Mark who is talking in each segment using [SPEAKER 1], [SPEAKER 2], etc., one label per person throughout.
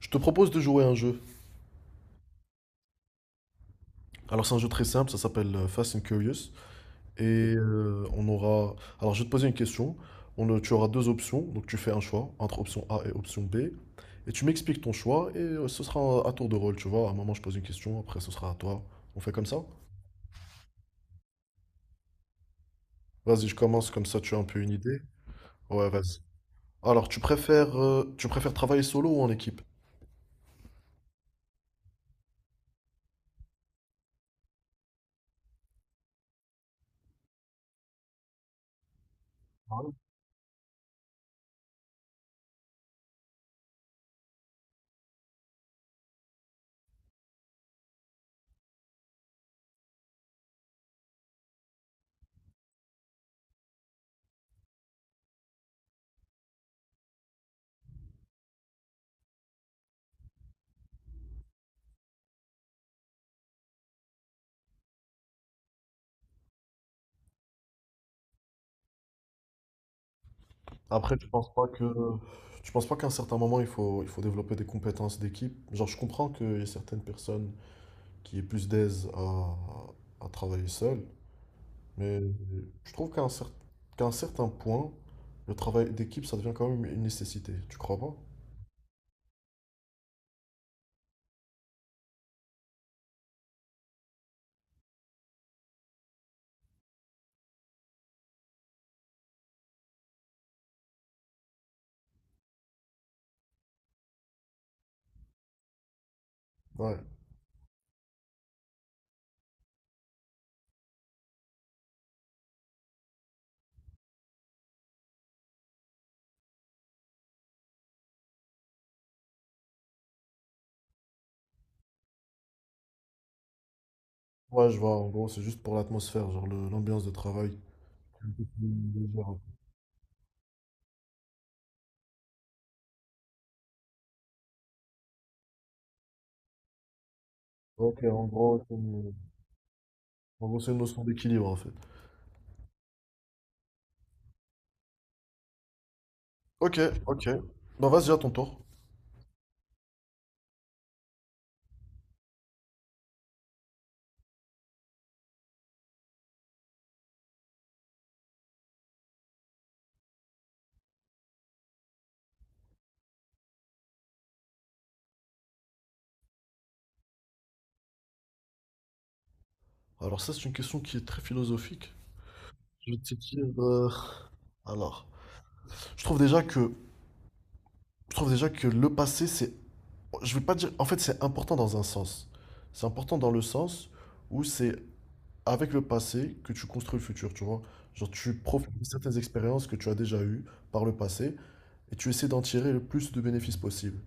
[SPEAKER 1] Je te propose de jouer à un jeu. Alors c'est un jeu très simple, ça s'appelle Fast and Curious. Et on aura... Alors je vais te poser une question. Tu auras deux options, donc tu fais un choix entre option A et option B. Et tu m'expliques ton choix et ce sera à tour de rôle, tu vois. À un moment je pose une question, après ce sera à toi. On fait comme ça? Vas-y, je commence comme ça, tu as un peu une idée. Ouais, vas-y. Alors tu préfères travailler solo ou en équipe? Après, tu penses pas que... Tu penses pas qu'à un certain moment, il faut développer des compétences d'équipe? Genre, je comprends qu'il y a certaines personnes qui est plus d'aise à travailler seul. Mais je trouve qu'à un certain point, le travail d'équipe, ça devient quand même une nécessité, tu crois pas? Ouais. Ouais, je vois, en gros, c'est juste pour l'atmosphère, genre l'ambiance de travail. Un peu plus légère. Ok, en gros, c'est une, En gros, c'est une notion d'équilibre en fait. Ok, ok. Ben vas-y, à ton tour. Alors ça, c'est une question qui est très philosophique. Je vais te dire... Alors, je trouve déjà que, je trouve déjà que le passé, c'est... Je vais pas dire. En fait, c'est important dans un sens. C'est important dans le sens où c'est avec le passé que tu construis le futur, tu vois. Genre, tu profites de certaines expériences que tu as déjà eues par le passé et tu essaies d'en tirer le plus de bénéfices possible.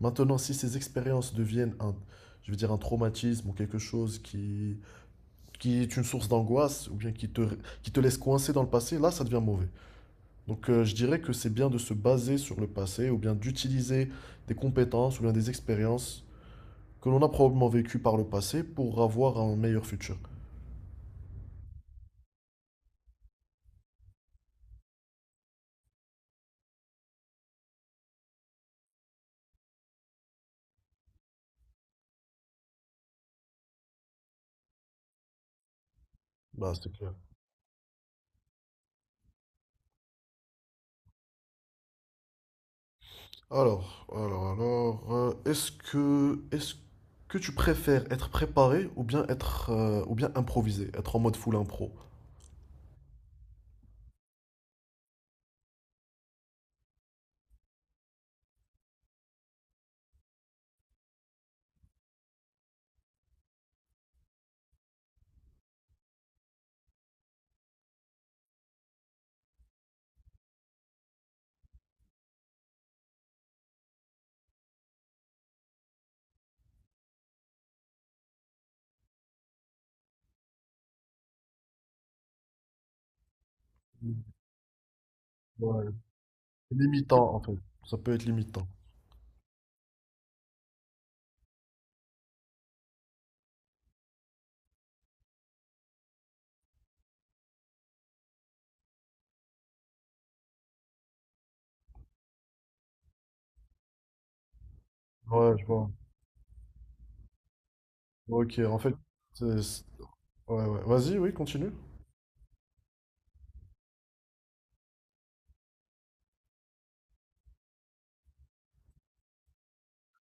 [SPEAKER 1] Maintenant, si ces expériences deviennent un, je veux dire, un traumatisme ou quelque chose qui est une source d'angoisse ou bien qui te laisse coincé dans le passé, là, ça devient mauvais. Donc, je dirais que c'est bien de se baser sur le passé ou bien d'utiliser des compétences ou bien des expériences que l'on a probablement vécu par le passé pour avoir un meilleur futur. Bah, c'est clair. Alors, est-ce que tu préfères être préparé ou bien être, ou bien improviser, être en mode full impro? Ouais, c'est limitant en fait. Ça peut être limitant. Ouais, je vois. Ok, en fait, c'est- c'est- ouais, ouais. Vas-y, oui, continue.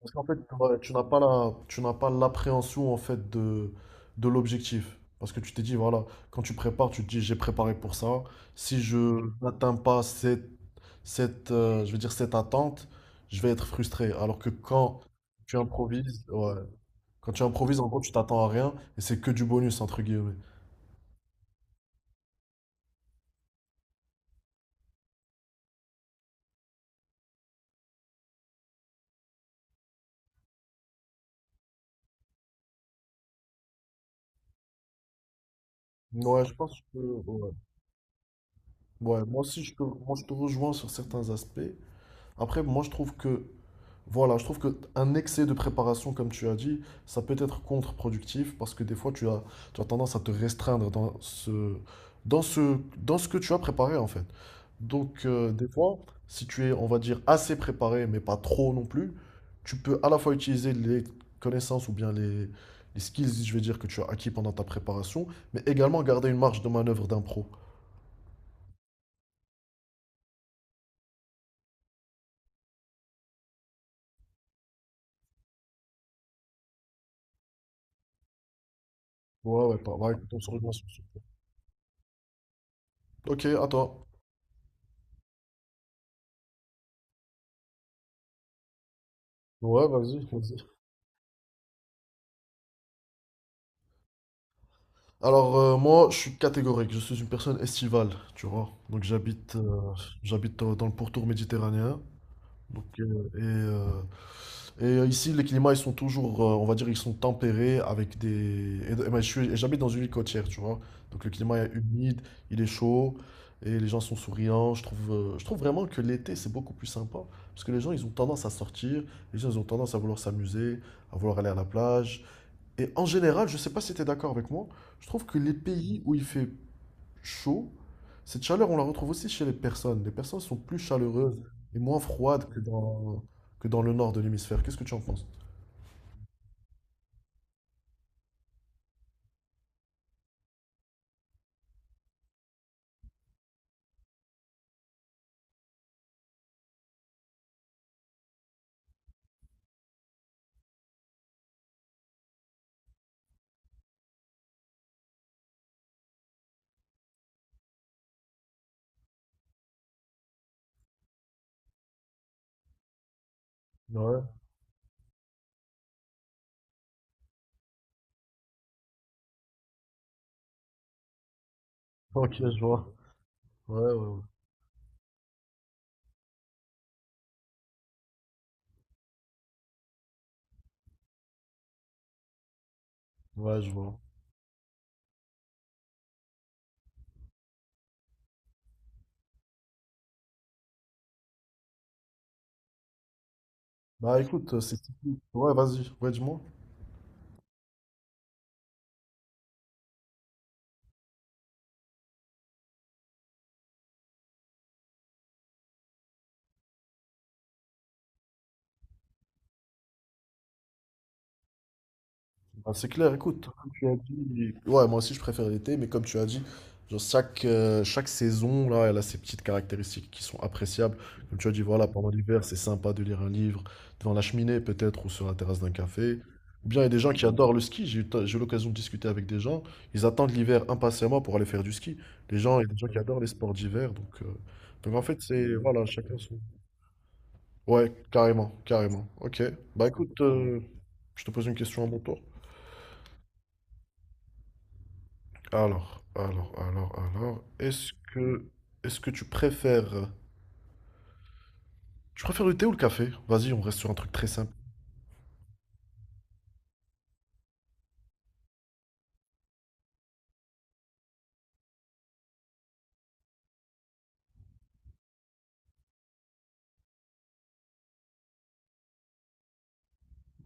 [SPEAKER 1] Parce qu'en fait, ouais, tu n'as pas l'appréhension en fait de l'objectif. Parce que tu t'es dit, voilà, quand tu prépares, tu te dis, j'ai préparé pour ça. Si je n'atteins pas je veux dire, cette attente, je vais être frustré. Alors que tu improvises, ouais, quand tu improvises, en gros, tu t'attends à rien et c'est que du bonus, entre guillemets. Ouais, je pense que, ouais. Ouais, moi aussi, moi, je te rejoins sur certains aspects. Après, moi, je trouve que... Voilà, je trouve qu'un excès de préparation, comme tu as dit, ça peut être contre-productif parce que des fois, tu as tendance à te restreindre dans ce que tu as préparé en fait. Donc, des fois, si tu es, on va dire, assez préparé, mais pas trop non plus, tu peux à la fois utiliser les connaissances ou bien les skills, je vais dire, que tu as acquis pendant ta préparation, mais également garder une marge de manœuvre d'impro. Ouais, ouais, pas, ouais, on se rejoint sur ce point. Ok, à toi. Ouais, vas-y, vas-y. Alors moi, je suis catégorique, je suis une personne estivale, tu vois. Donc j'habite j'habite dans, dans le pourtour méditerranéen. Donc, et ici, les climats, ils sont toujours, on va dire, ils sont tempérés avec des... et moi, et j'habite dans une ville côtière, tu vois. Donc le climat est humide, il est chaud, et les gens sont souriants. Je trouve vraiment que l'été, c'est beaucoup plus sympa. Parce que les gens, ils ont tendance à sortir, les gens, ils ont tendance à vouloir s'amuser, à vouloir aller à la plage. Et en général, je sais pas si tu es d'accord avec moi, je trouve que les pays où il fait chaud, cette chaleur, on la retrouve aussi chez les personnes. Les personnes sont plus chaleureuses et moins froides que dans le nord de l'hémisphère. Qu'est-ce que tu en penses? Ouais, ok, je vois. Ouais, ouais, ouais. Ouais, je vois. Bah écoute, c'est... Ouais, vas-y, ouais, dis-moi. Ah, c'est clair, écoute, comme tu as dit, ouais, moi aussi je préfère l'été, mais comme tu as dit, genre chaque saison, là, elle a ses petites caractéristiques qui sont appréciables. Comme tu as dit, voilà, pendant l'hiver, c'est sympa de lire un livre devant la cheminée, peut-être, ou sur la terrasse d'un café. Ou bien, il y a des gens qui adorent le ski. J'ai eu l'occasion de discuter avec des gens. Ils attendent l'hiver impatiemment pour aller faire du ski. Les gens, il y a des gens qui adorent les sports d'hiver. Donc, en fait, c'est, voilà, chacun son. Ouais, carrément, carrément. Ok. Bah, écoute, je te pose une question à mon tour. Alors, est-ce que tu préfères le thé ou le café? Vas-y, on reste sur un truc très simple.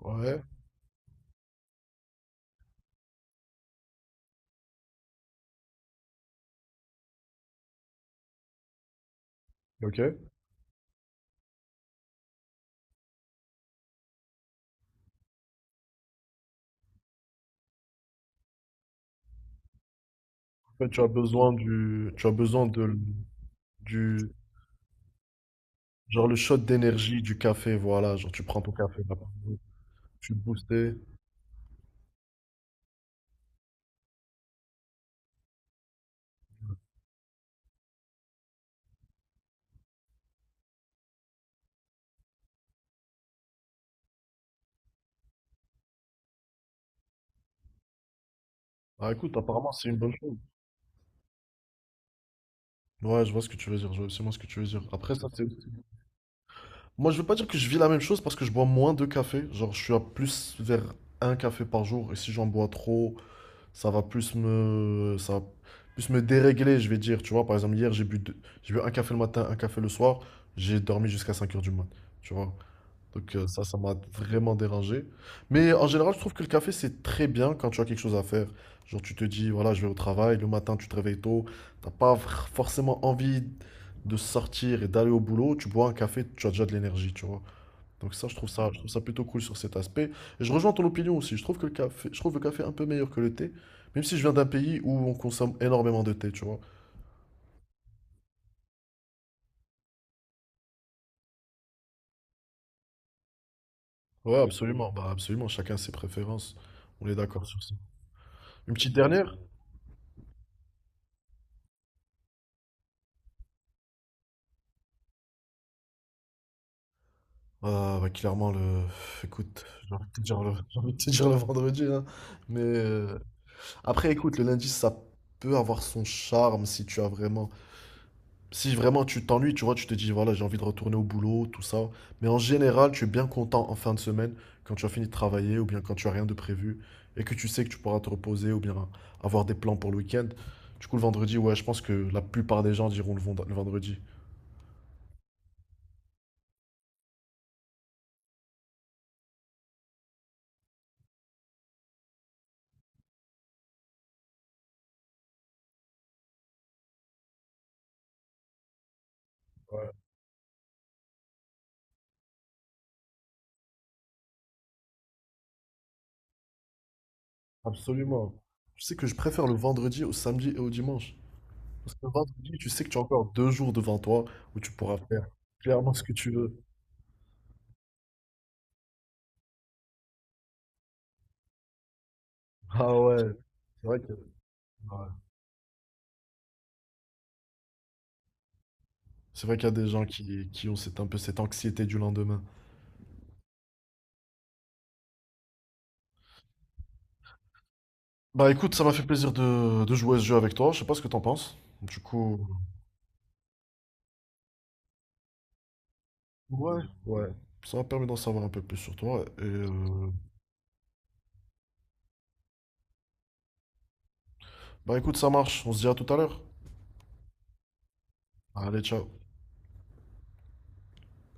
[SPEAKER 1] Ouais, ok. En fait, tu as besoin du, tu as besoin de, du, genre le shot d'énergie du café, voilà, genre tu prends ton café, là, tu te boostes. Ah, écoute, apparemment, c'est une bonne chose. Ouais, je vois ce que tu veux dire, je vois absolument ce que tu veux dire. Après, ça, c'est... Moi, je veux pas dire que je vis la même chose parce que je bois moins de café. Genre, je suis à plus vers un café par jour et si j'en bois trop, ça va plus me dérégler, je vais dire. Tu vois, par exemple, hier, j'ai bu un café le matin, un café le soir, j'ai dormi jusqu'à 5 heures du mat. Tu vois, donc ça m'a vraiment dérangé. Mais en général, je trouve que le café, c'est très bien quand tu as quelque chose à faire. Genre, tu te dis, voilà, je vais au travail, le matin, tu te réveilles tôt, t'as pas vr- forcément envie de sortir et d'aller au boulot, tu bois un café, tu as déjà de l'énergie, tu vois. Donc ça, je trouve ça plutôt cool sur cet aspect. Et je rejoins ton opinion aussi. Je trouve que le café, je trouve le café un peu meilleur que le thé, même si je viens d'un pays où on consomme énormément de thé, tu vois. Ouais, absolument. Bah, absolument. Chacun ses préférences. On est d'accord sur ça. Une petite dernière? Bah, clairement, le... Écoute, j'ai envie de te dire le, j'ai envie de te dire le vendredi, hein. Mais après, écoute, le lundi, ça peut avoir son charme si tu as vraiment... Si vraiment tu t'ennuies, tu vois, tu te dis, voilà, j'ai envie de retourner au boulot, tout ça. Mais en général, tu es bien content en fin de semaine quand tu as fini de travailler ou bien quand tu as rien de prévu et que tu sais que tu pourras te reposer ou bien avoir des plans pour le week-end. Du coup, le vendredi, ouais, je pense que la plupart des gens diront le vendredi. Absolument. Je sais que je préfère le vendredi au samedi et au dimanche. Parce que le vendredi, tu sais que tu as encore deux jours devant toi où tu pourras faire clairement ce que tu veux. Ah ouais, c'est vrai que... ouais. C'est vrai qu'il y a des gens qui ont cette, un peu cette anxiété du lendemain. Bah écoute, ça m'a fait plaisir de jouer à ce jeu avec toi. Je sais pas ce que t'en penses. Du coup, ouais, ouais. Ça m'a permis d'en savoir un peu plus sur toi. Et bah écoute, ça marche. On se dit à tout à l'heure. Allez, ciao.